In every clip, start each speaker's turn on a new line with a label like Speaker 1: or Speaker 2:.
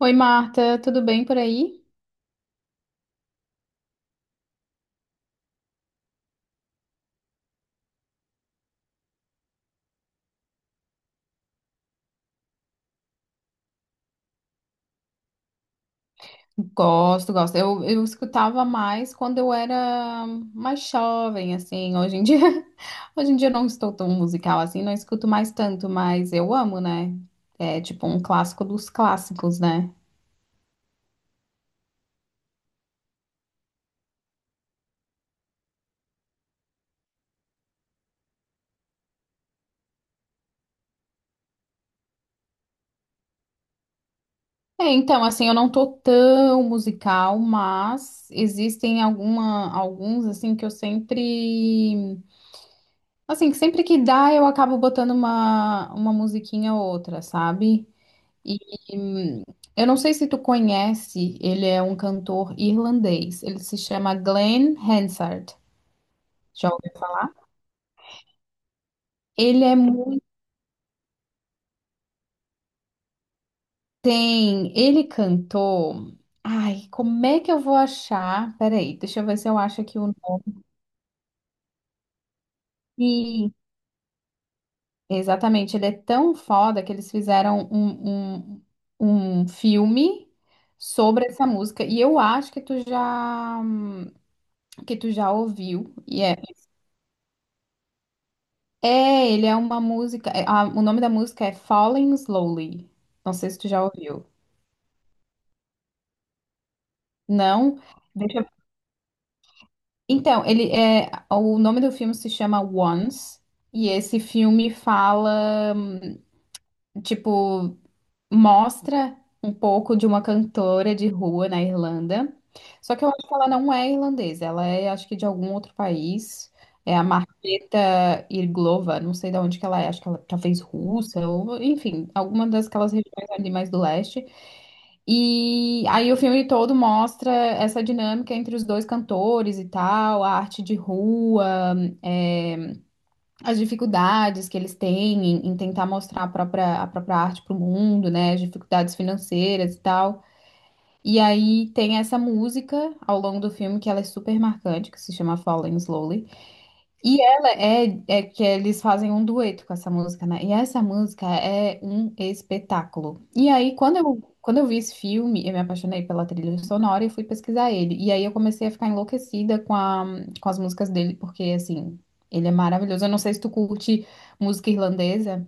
Speaker 1: Oi, Marta, tudo bem por aí? Gosto, gosto. Eu escutava mais quando eu era mais jovem, assim. Hoje em dia, hoje em dia eu não estou tão musical assim, não escuto mais tanto, mas eu amo, né? É tipo um clássico dos clássicos, né? É, então, assim, eu não tô tão musical, mas existem alguns, assim, que eu sempre... Assim, que sempre que dá, eu acabo botando uma musiquinha ou outra, sabe? E hum, eu não sei se tu conhece, ele é um cantor irlandês. Ele se chama Glenn Hansard. Já ouviu? Ele é mu- Tem, ele cantou. Ai, como é que eu vou achar? Peraí, deixa eu ver se eu acho aqui o nome. Sim, exatamente, ele é tão foda que eles fizeram um filme sobre essa música. E eu acho que tu já ouviu. E é... É, ele é uma música. É, o nome da música é Falling Slowly. Não sei se tu já ouviu. Não? Deixa eu- Então, ele é. O nome do filme se chama Once. E esse filme fala, tipo, mostra um pouco de uma cantora de rua na Irlanda. Só que eu acho que ela não é irlandesa, ela é, acho que de algum outro país. É a Marketa Irglova, não sei de onde que ela é, acho que ela talvez russa, ou enfim, alguma daquelas regiões ali mais do leste. E aí o filme todo mostra essa dinâmica entre os dois cantores e tal, a arte de rua, é, as dificuldades que eles têm em tentar mostrar a própria arte para o mundo, né? As dificuldades financeiras e tal. E aí tem essa música ao longo do filme que ela é super marcante, que se chama Falling Slowly. E ela é, é que eles fazem um dueto com essa música, né? E essa música é um espetáculo. E aí, quando eu vi esse filme, eu me apaixonei pela trilha sonora e fui pesquisar ele. E aí eu comecei a ficar enlouquecida com com as músicas dele, porque assim, ele é maravilhoso. Eu não sei se tu curte música irlandesa.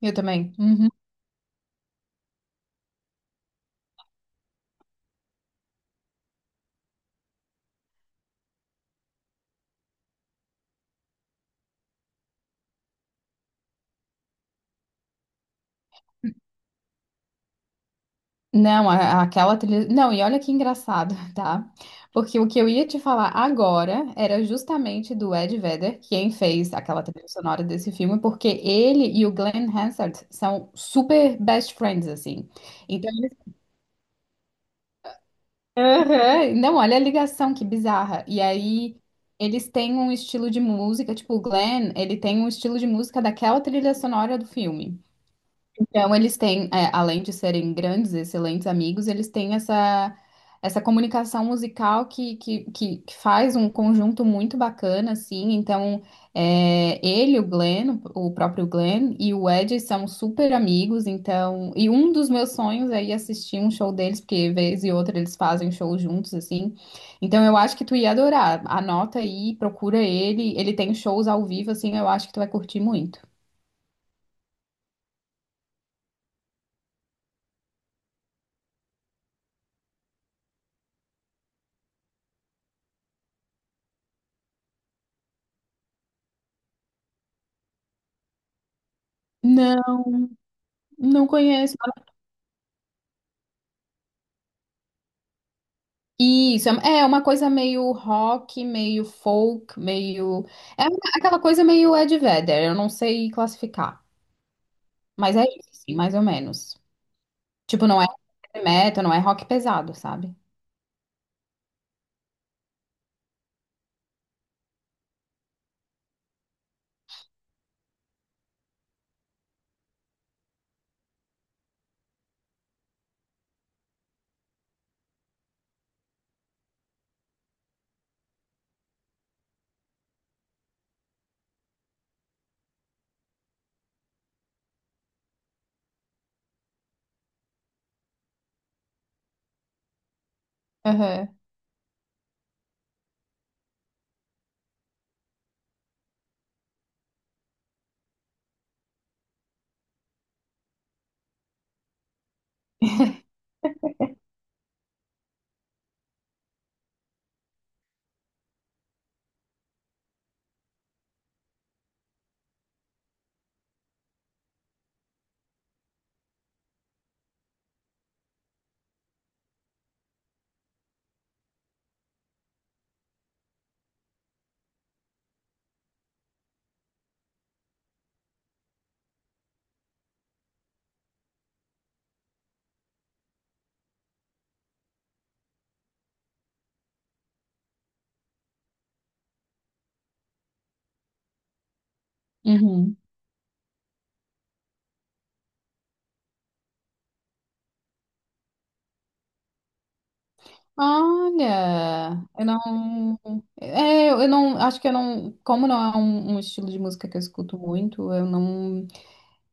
Speaker 1: Eu também. Uhum. Não, a- aquela trilha. Não, e olha que engraçado, tá? Porque o que eu ia te falar agora era justamente do Ed Vedder, quem fez aquela trilha sonora desse filme, porque ele e o Glenn Hansard são super best friends, assim. Então, aham, não, olha a ligação, que bizarra. E aí, eles têm um estilo de música, tipo, o Glenn, ele tem um estilo de música daquela trilha sonora do filme. Então, eles têm, é, além de serem grandes, excelentes amigos, eles têm essa, essa comunicação musical que faz um conjunto muito bacana, assim. Então, é, ele, o Glenn, o próprio Glenn, e o Ed são super amigos. Então, e um dos meus sonhos é ir assistir um show deles, porque vez e outra eles fazem show juntos, assim. Então, eu acho que tu ia adorar. Anota aí, procura ele. Ele tem shows ao vivo, assim, eu acho que tu vai curtir muito. Não, não conheço. Isso, é uma coisa meio rock, meio folk, meio. É uma- aquela coisa meio Ed Vedder, eu não sei classificar. Mas é isso, assim, mais ou menos. Tipo, não é heavy metal, não é rock pesado, sabe? Aham. Uhum. Olha, eu não. É, eu não. Acho que eu não. Como não é um estilo de música que eu escuto muito, eu não.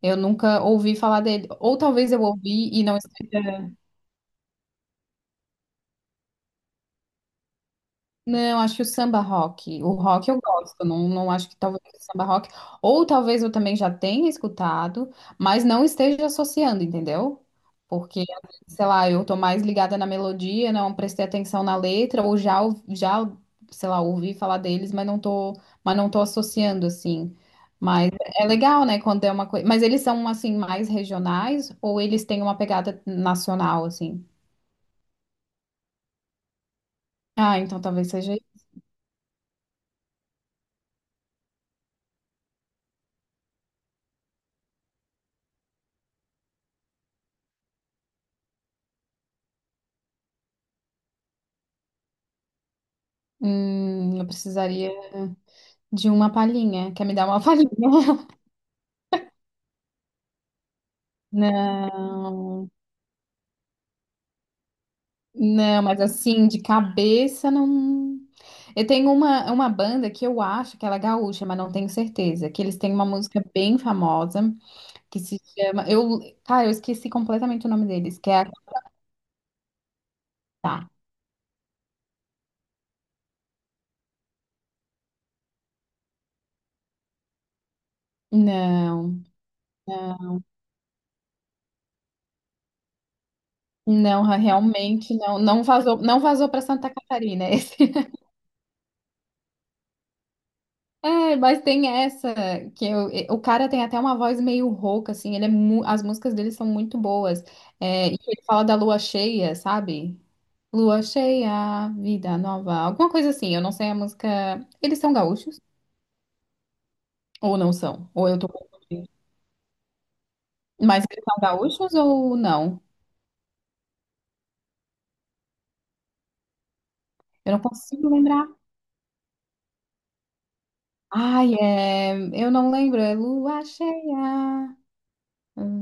Speaker 1: Eu nunca ouvi falar dele. Ou talvez eu ouvi e não esteja. Não, acho que o samba rock. O rock eu gosto, não, não acho que talvez o samba rock. Ou talvez eu também já tenha escutado, mas não esteja associando, entendeu? Porque, sei lá, eu tô mais ligada na melodia, não prestei atenção na letra, ou- já, sei lá, ouvi falar deles, mas não tô associando, assim. Mas é legal, né, quando é uma coisa. Mas eles são, assim, mais regionais, ou eles têm uma pegada nacional, assim? Ah, então talvez seja. Eu precisaria. De uma palhinha. Quer me dar uma palhinha? Não, não, mas assim, de cabeça não. Eu tenho uma banda que eu acho que ela é gaúcha, mas não tenho certeza. Que eles têm uma música bem famosa que se chama. Eu, cara, eu esqueci completamente o nome deles, que é a. Tá. Não, não, não, realmente não. Não vazou, não vazou para Santa Catarina. É, mas tem essa que eu- e- o cara tem até uma voz meio rouca, assim. Ele é mu- as músicas dele são muito boas. É, e ele fala da lua cheia, sabe? Lua cheia, vida nova, alguma coisa assim. Eu não sei a música. Eles são gaúchos ou não são? Ou eu tô confundindo. Mas eles são gaúchos ou não? Eu não consigo lembrar. Ai, é... eu não lembro. É lua cheia,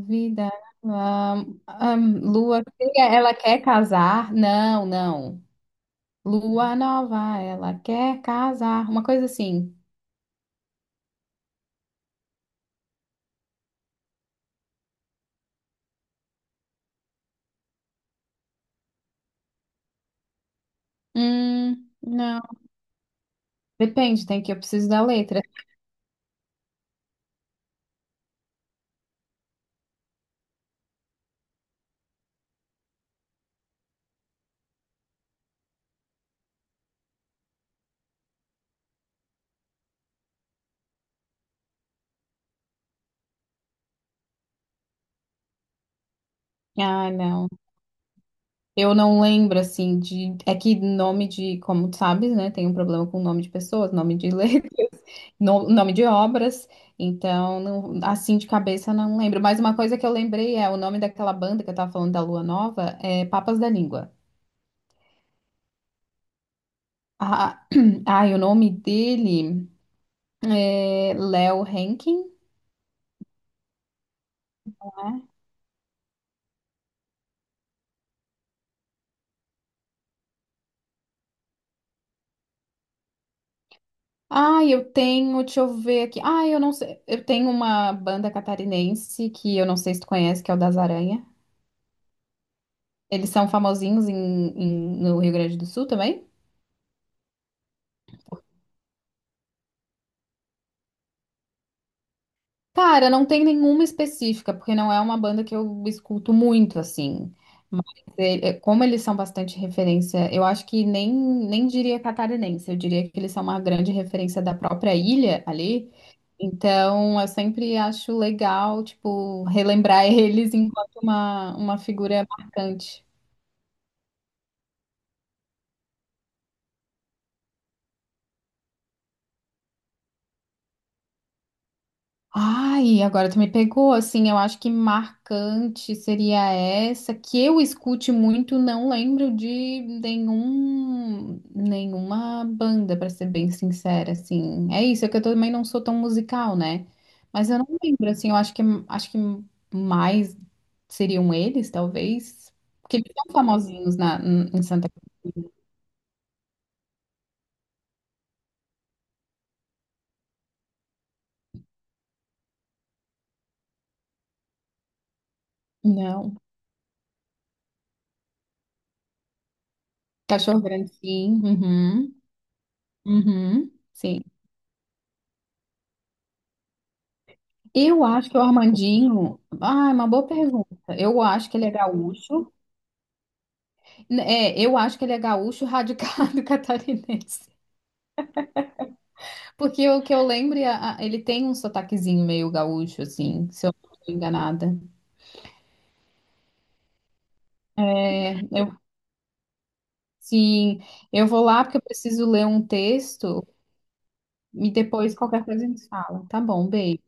Speaker 1: vida. Nova. Lua cheia, ela quer casar? Não, não. Lua nova, ela quer casar. Uma coisa assim. Não. Depende, tem que eu preciso da letra. Ah, não. Eu não lembro, assim, de. É que nome de, como tu sabes, né? Tem um problema com nome de pessoas, nome de letras, no- nome de obras. Então, não- assim de cabeça, não lembro. Mas uma coisa que eu lembrei é o nome daquela banda que eu tava falando da Lua Nova é Papas da Língua. Ah, ai, o nome dele é Léo Henkin. Ah, eu tenho, deixa eu ver aqui. Ah, eu não sei. Eu tenho uma banda catarinense que eu não sei se tu conhece, que é o Das Aranha. Eles são famosinhos em, em- no Rio Grande do Sul também? Cara, não tem nenhuma específica, porque não é uma banda que eu escuto muito, assim. Mas é, é, como eles são bastante referência, eu acho que nem diria catarinense, eu diria que eles são uma grande referência da própria ilha ali. Então, eu sempre acho legal, tipo, relembrar eles enquanto uma figura marcante. Ai, agora tu me pegou, assim, eu acho que marcante seria essa, que eu escute muito, não lembro de nenhum, nenhuma banda, pra ser bem sincera, assim. É isso, é que eu também não sou tão musical, né? Mas eu não lembro, assim, eu acho que mais seriam eles, talvez, porque eles são famosinhos na, em Santa Cruz. Não. Cachorro Grande, sim. Uhum. Uhum. Sim. Eu acho que o Armandinho. Ah, é uma boa pergunta. Eu acho que ele é gaúcho. É, eu acho que ele é gaúcho radicado catarinense. Porque o que eu lembro, a- ele tem um sotaquezinho meio gaúcho, assim, se eu não estou enganada. É, eu, sim, eu vou lá porque eu preciso ler um texto e depois qualquer coisa a gente fala. Tá bom, beijo.